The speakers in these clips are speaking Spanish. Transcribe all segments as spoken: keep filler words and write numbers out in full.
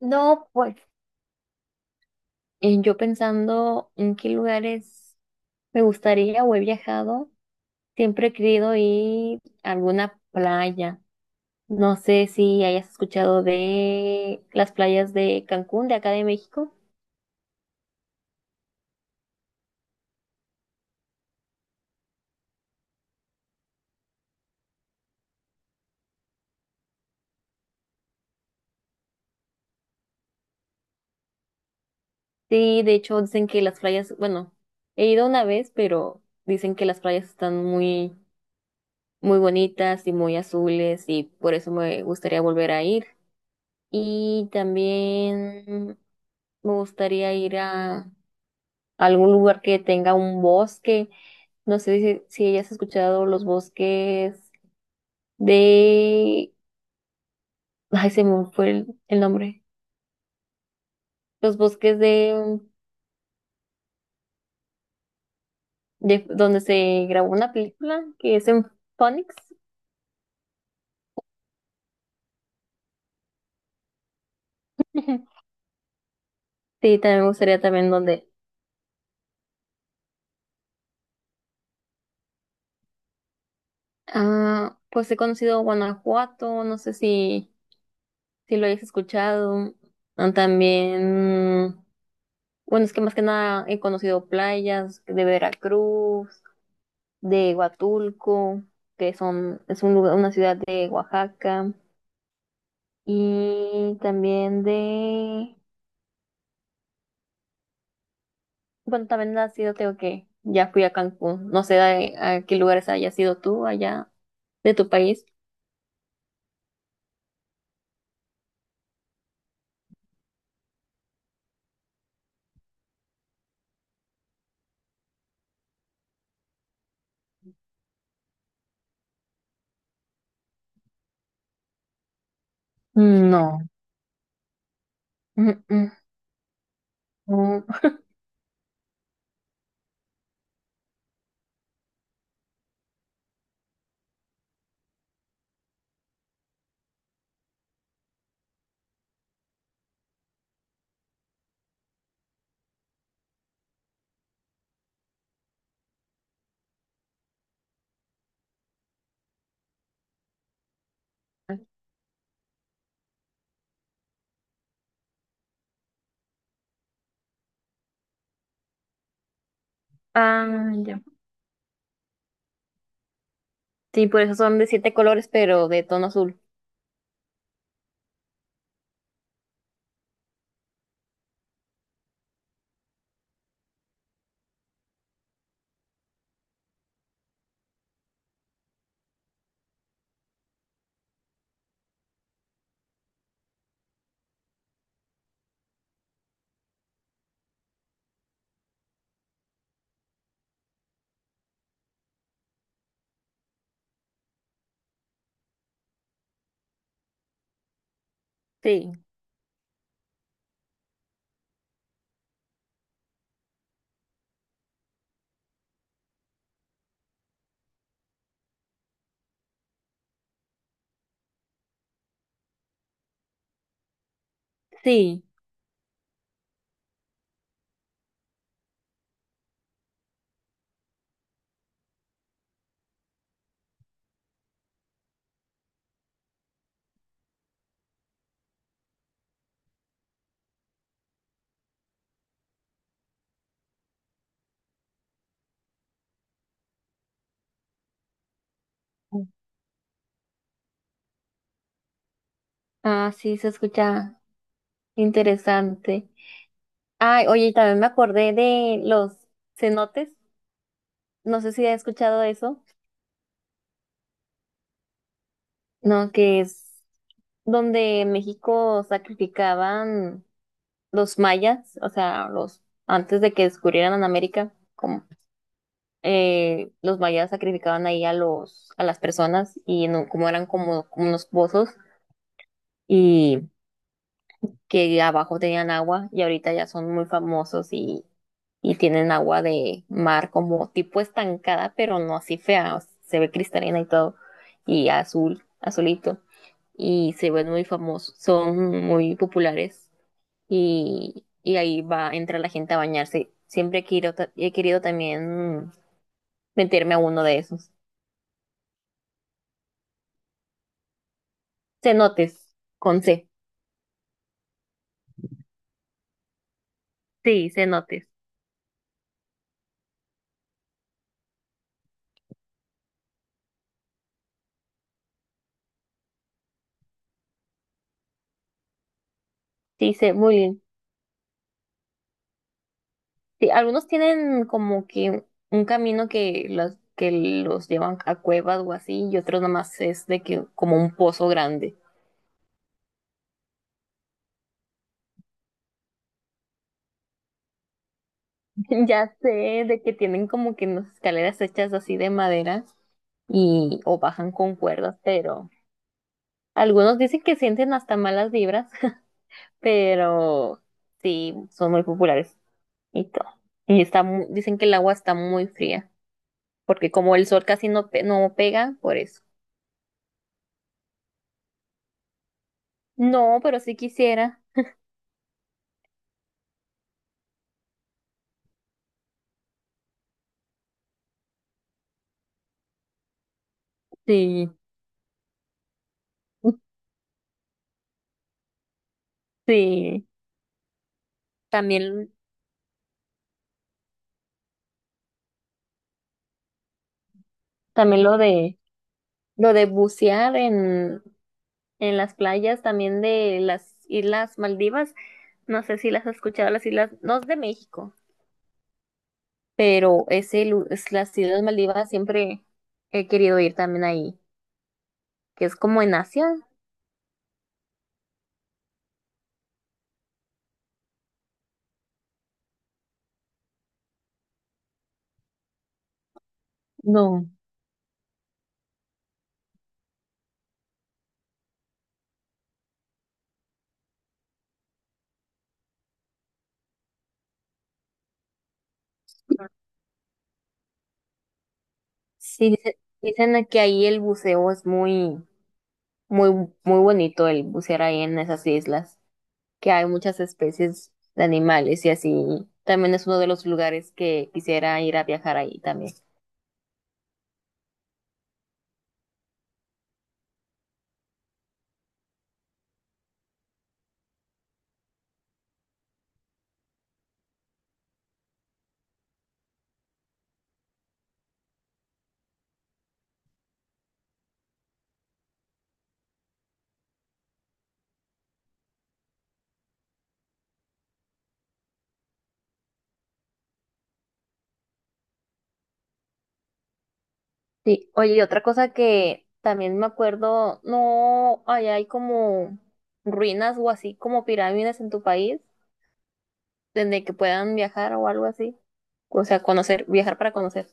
No, pues eh, yo pensando en qué lugares me gustaría o he viajado, siempre he querido ir a alguna playa. No sé si hayas escuchado de las playas de Cancún, de acá de México. Sí, de hecho dicen que las playas, bueno, he ido una vez, pero dicen que las playas están muy, muy bonitas y muy azules y por eso me gustaría volver a ir. Y también me gustaría ir a algún lugar que tenga un bosque. No sé si, si hayas escuchado los bosques de... Ay, se me fue el, el nombre. Los bosques de, de donde se grabó una película que es en Phoenix. Sí, también me gustaría también donde... Ah, pues he conocido Guanajuato, no sé si, si lo hayas escuchado. Ah, también, bueno, es que más que nada he conocido playas de Veracruz, de Huatulco, que son, es un lugar, una ciudad de Oaxaca, y también de, bueno, también ha sido, tengo que, ya fui a Cancún, no sé a, a qué lugares hayas ido tú allá de tu país. No. Mm, mm, no. Ah, ya. Sí, por eso son de siete colores, pero de tono azul. Sí, sí. Ah, sí, se escucha interesante. Ay, oye, y también me acordé de los cenotes. No sé si has escuchado eso. No, que es donde México sacrificaban los mayas, o sea, los antes de que descubrieran en América, como eh, los mayas sacrificaban ahí a los a las personas y no, como eran como, como unos pozos y que abajo tenían agua y ahorita ya son muy famosos y y tienen agua de mar como tipo estancada, pero no así fea, o sea, se ve cristalina y todo y azul, azulito. Y se ven muy famosos, son muy populares y, y ahí va, entra la gente a bañarse. Siempre he querido, ta- he querido también meterme a uno de esos. Cenotes, con C. Sí, cenotes. Sí, sé, muy bien. Sí, algunos tienen como que un camino que los, que los llevan a cuevas o así, y otros nomás es de que como un pozo grande. Ya sé de que tienen como que unas escaleras hechas así de madera y o bajan con cuerdas, pero algunos dicen que sienten hasta malas vibras, pero sí, son muy populares y todo. Y está, mu- dicen que el agua está muy fría, porque como el sol casi no, pe- no pega, por eso. No, pero sí quisiera. Sí, sí. También, también lo de, lo de bucear en, en las playas, también de las Islas Maldivas. No sé si las has escuchado, las islas, no es de México, pero ese, lu- es las Islas Maldivas siempre he querido ir también ahí, que es como en Asia. No, sí, dice- dicen que ahí el buceo es muy, muy, muy bonito el bucear ahí en esas islas, que hay muchas especies de animales y así. También es uno de los lugares que quisiera ir a viajar ahí también. Sí, oye, y otra cosa que también me acuerdo, no, allá hay como ruinas o así como pirámides en tu país, donde que puedan viajar o algo así. O sea, conocer, viajar para conocer.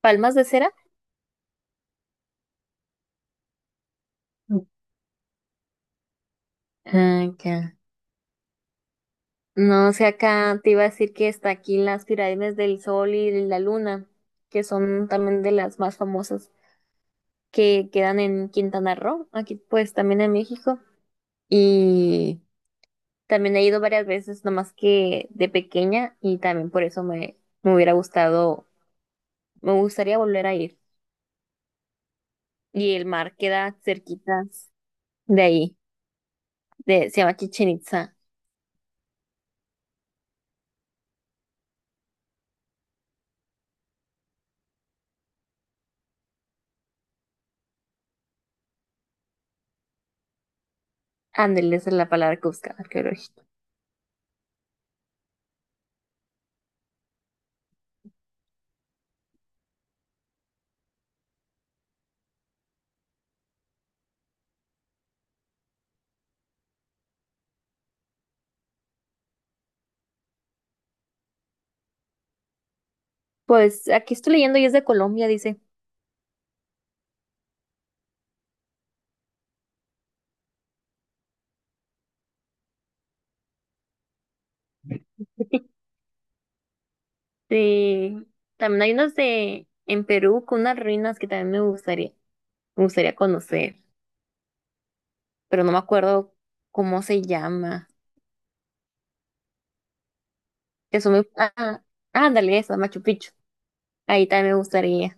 Palmas de cera. Ah, acá. No sé, acá te iba a decir que está aquí las pirámides del Sol y de la Luna, que son también de las más famosas, que quedan en Quintana Roo, aquí pues también en México. Y también he ido varias veces, nomás que de pequeña, y también por eso me, me hubiera gustado, me gustaría volver a ir. Y el mar queda cerquitas de ahí. De, se llama Chichen Itza. Ándale, esa es la palabra que buscaba, arqueológico. Pues aquí estoy leyendo y es de Colombia, dice. De, también hay unas de en Perú con unas ruinas que también me gustaría, me gustaría conocer, pero no me acuerdo cómo se llama. Eso me, ah, ándale, esa, Machu Picchu. Ahí también me gustaría.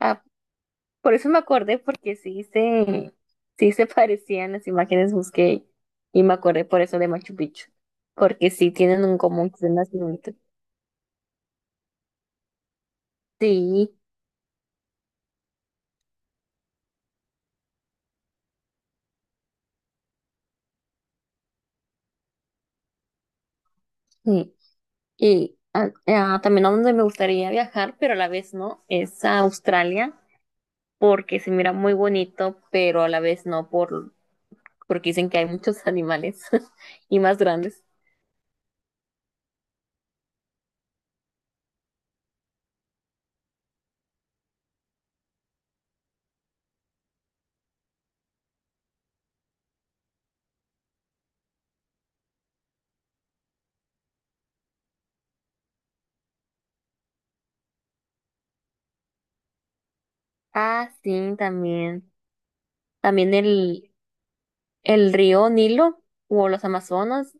Ah, por eso me acordé, porque sí se, sí se parecían las imágenes, busqué y me acordé por eso de Machu Picchu, porque sí tienen un común, tienen una similitud. Sí, sí. Y ah, ah, también a donde me gustaría viajar, pero a la vez no, es a Australia, porque se mira muy bonito, pero a la vez no, por, porque dicen que hay muchos animales y más grandes. Ah, sí, también. También el, el río Nilo o los Amazonas,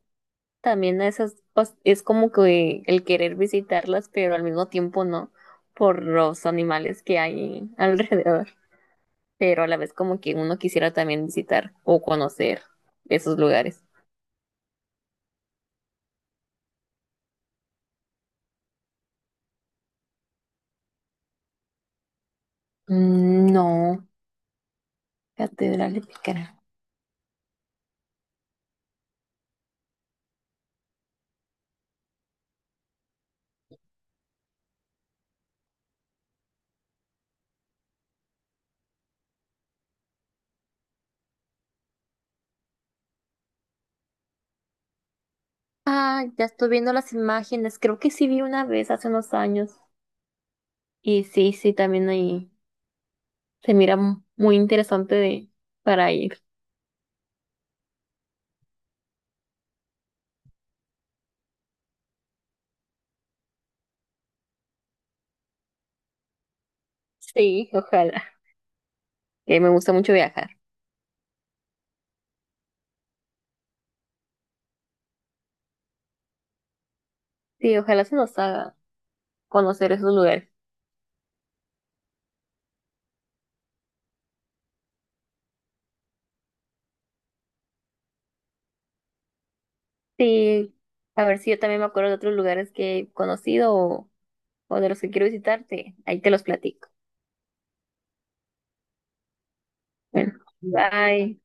también esas, pues, es como que el querer visitarlas, pero al mismo tiempo no, por los animales que hay alrededor, pero a la vez como que uno quisiera también visitar o conocer esos lugares. Mm, no, Catedral de Pícara. Ah, ya estoy viendo las imágenes. Creo que sí vi una vez hace unos años. Y sí, sí, también ahí se mira mu- muy interesante de, para ir. Sí, ojalá. Que me gusta mucho viajar. Sí, ojalá se nos haga conocer esos lugares. Sí, a ver si yo también me acuerdo de otros lugares que he conocido o, o de los que quiero visitarte. Ahí te los platico. Bueno, bye.